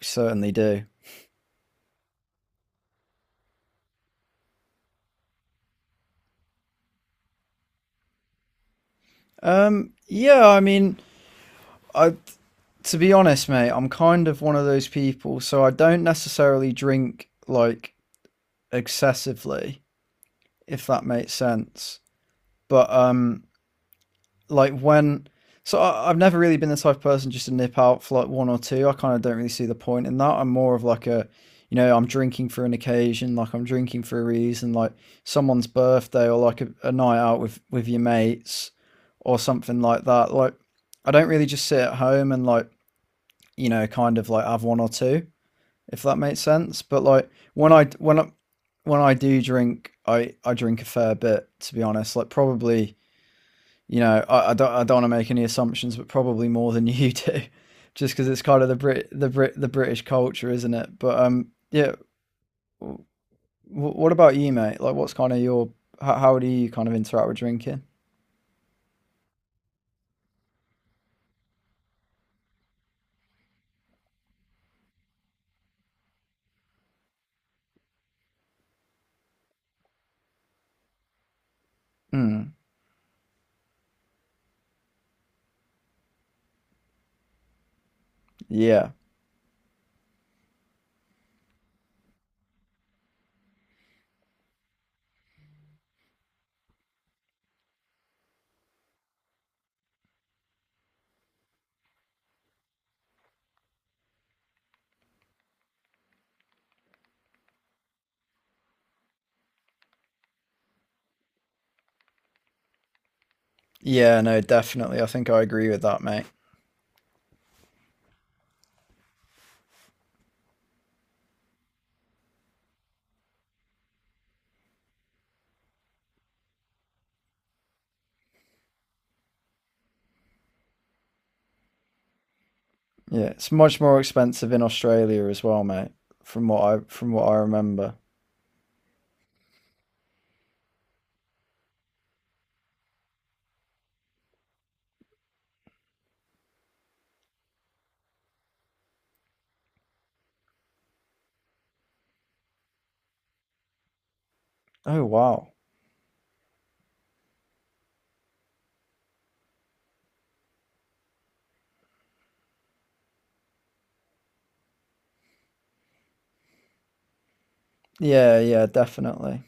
We certainly do. Yeah, I mean, I to be honest, mate, I'm kind of one of those people, so I don't necessarily drink like excessively, if that makes sense. But like when so I've never really been the type of person just to nip out for like one or two. I kind of don't really see the point in that. I'm more of like you know, I'm drinking for an occasion, like I'm drinking for a reason, like someone's birthday or like a night out with your mates or something like that. Like I don't really just sit at home and like you know kind of like have one or two if that makes sense. But like when I do drink, I drink a fair bit to be honest. Like probably you know, I don't want to make any assumptions, but probably more than you do, just because it's kind of the British culture, isn't it? But yeah. w- What about you, mate? Like, what's kind of your how do you kind of interact with drinking? Mm, yeah, yeah, no, definitely. I think I agree with that, mate. Yeah, it's much more expensive in Australia as well, mate. From what I remember. Oh wow. Yeah, yeah, definitely.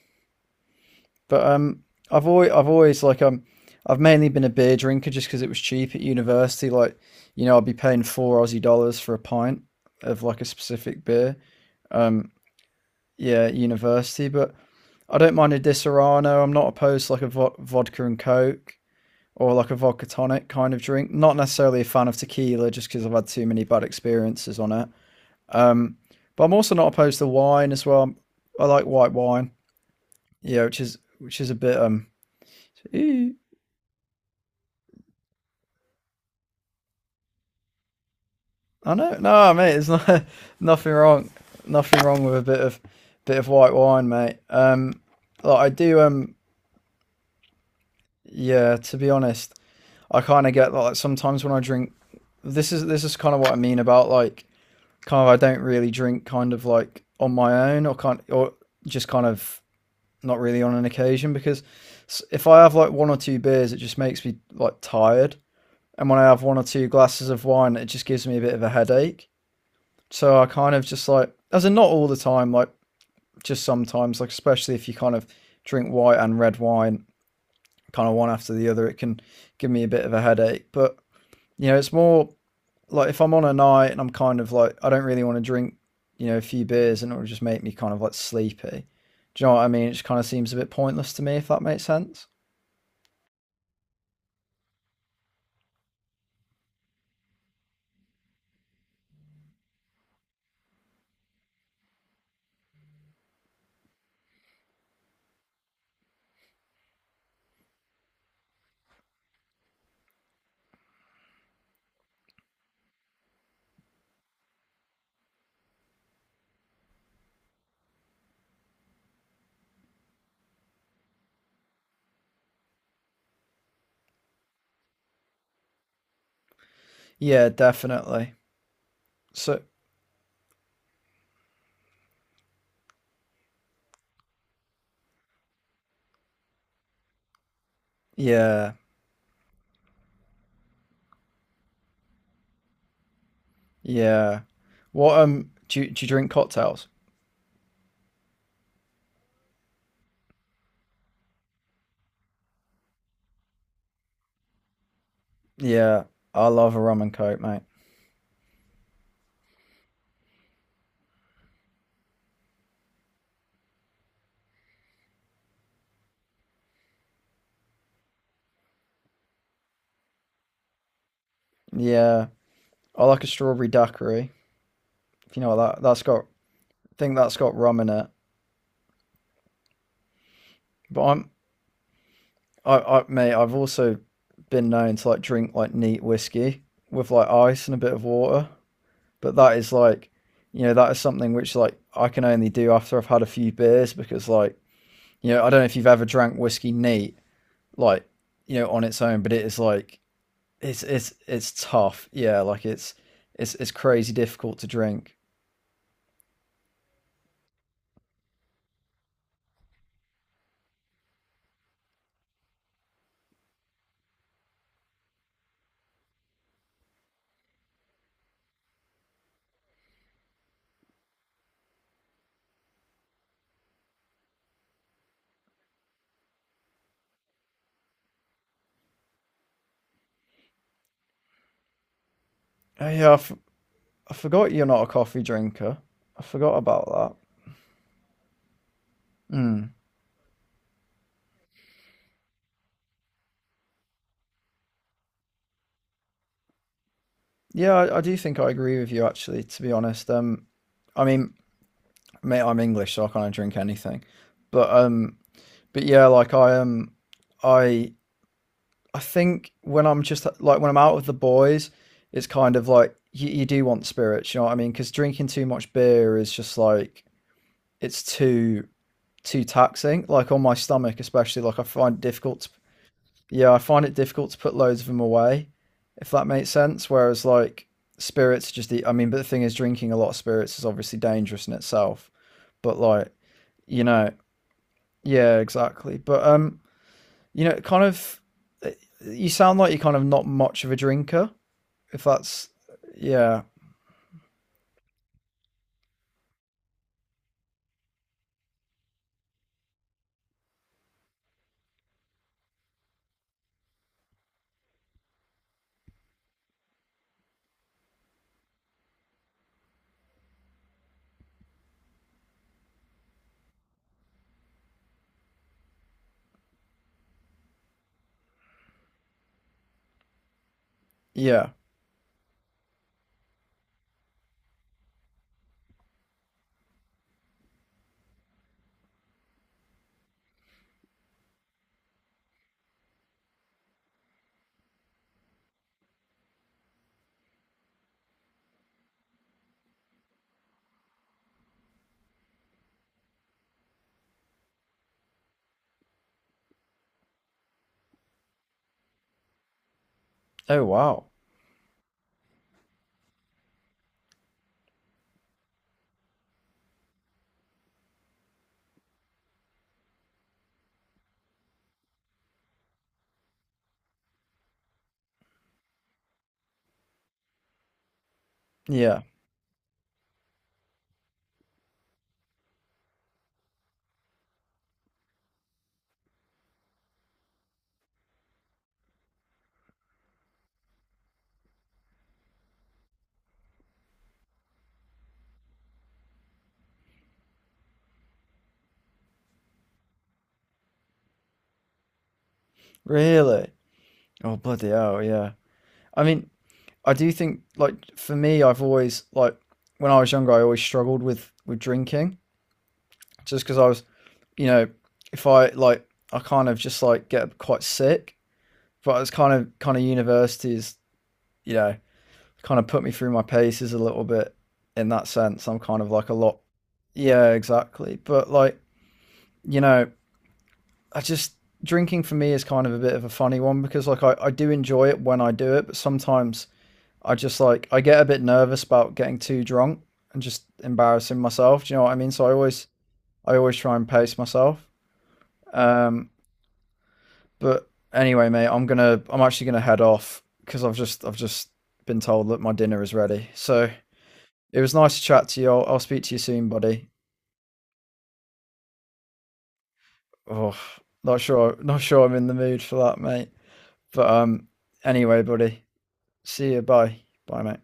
But I've always like I've mainly been a beer drinker just because it was cheap at university. Like, you know, I'd be paying 4 Aussie dollars for a pint of like a specific beer. Um, yeah, at university. But I don't mind a Disaronno. I'm not opposed to like a vodka and coke or like a vodka tonic kind of drink. Not necessarily a fan of tequila just because I've had too many bad experiences on it. Um, but I'm also not opposed to wine as well. I like white wine. Yeah, which is a bit I know. No, mate, it's not nothing wrong. Nothing wrong with a bit of white wine, mate. Like I do. Yeah. To be honest, I kind of get like sometimes when I drink. This is kind of what I mean about like kind of I don't really drink kind of like on my own or kind or just kind of not really on an occasion because if I have like one or two beers, it just makes me like tired, and when I have one or two glasses of wine, it just gives me a bit of a headache. So I kind of just like, as in not all the time, like just sometimes, like especially if you kind of drink white and red wine, kind of one after the other, it can give me a bit of a headache. But you know, it's more like if I'm on a night and I'm kind of like, I don't really want to drink, you know, a few beers and it'll just make me kind of like sleepy. Do you know what I mean? It just kind of seems a bit pointless to me, if that makes sense. Yeah, definitely. So yeah, yeah. What do you drink cocktails? Yeah, I love a rum and coke, mate. Yeah, I like a strawberry daiquiri. If you know what that's got, I think that's got rum in it. But I, mate, I've also been known to like drink like neat whiskey with like ice and a bit of water. But that is like, you know, that is something which like I can only do after I've had a few beers because like, you know, I don't know if you've ever drank whiskey neat, like, you know, on its own, but it is like, it's it's tough. Yeah, like it's it's crazy difficult to drink. Oh, yeah, I forgot you're not a coffee drinker. I forgot about that. Mm. Yeah, I do think I agree with you actually, to be honest. I mean, mate, I'm English, so I can't drink anything. But um, but yeah, like I I think when I'm just like when I'm out with the boys, it's kind of like you do want spirits, you know what I mean? Because drinking too much beer is just like it's too taxing. Like on my stomach, especially, like I find it difficult to yeah, I find it difficult to put loads of them away, if that makes sense. Whereas like spirits, just I mean, but the thing is, drinking a lot of spirits is obviously dangerous in itself. But like, you know, yeah, exactly. But you know, eh, you sound like you're kind of not much of a drinker. If that's, yeah, yeah. Oh wow, yeah, really. Oh bloody hell, yeah. I mean, I do think like for me, I've always like when I was younger, I always struggled with drinking just because I was you know, if I like, I kind of just like get quite sick. But it's kind of universities, you know, kind of put me through my paces a little bit in that sense. I'm kind of like a lot. Yeah, exactly. But like, you know, I just drinking for me is kind of a bit of a funny one because like I do enjoy it when I do it, but sometimes I just like I get a bit nervous about getting too drunk and just embarrassing myself. Do you know what I mean? So I always try and pace myself. Um, But anyway, mate, I'm actually gonna head off because I've just been told that my dinner is ready. So it was nice to chat to you. I'll speak to you soon, buddy. Oh, not sure I'm in the mood for that, mate. But anyway, buddy, see you. Bye, bye, mate.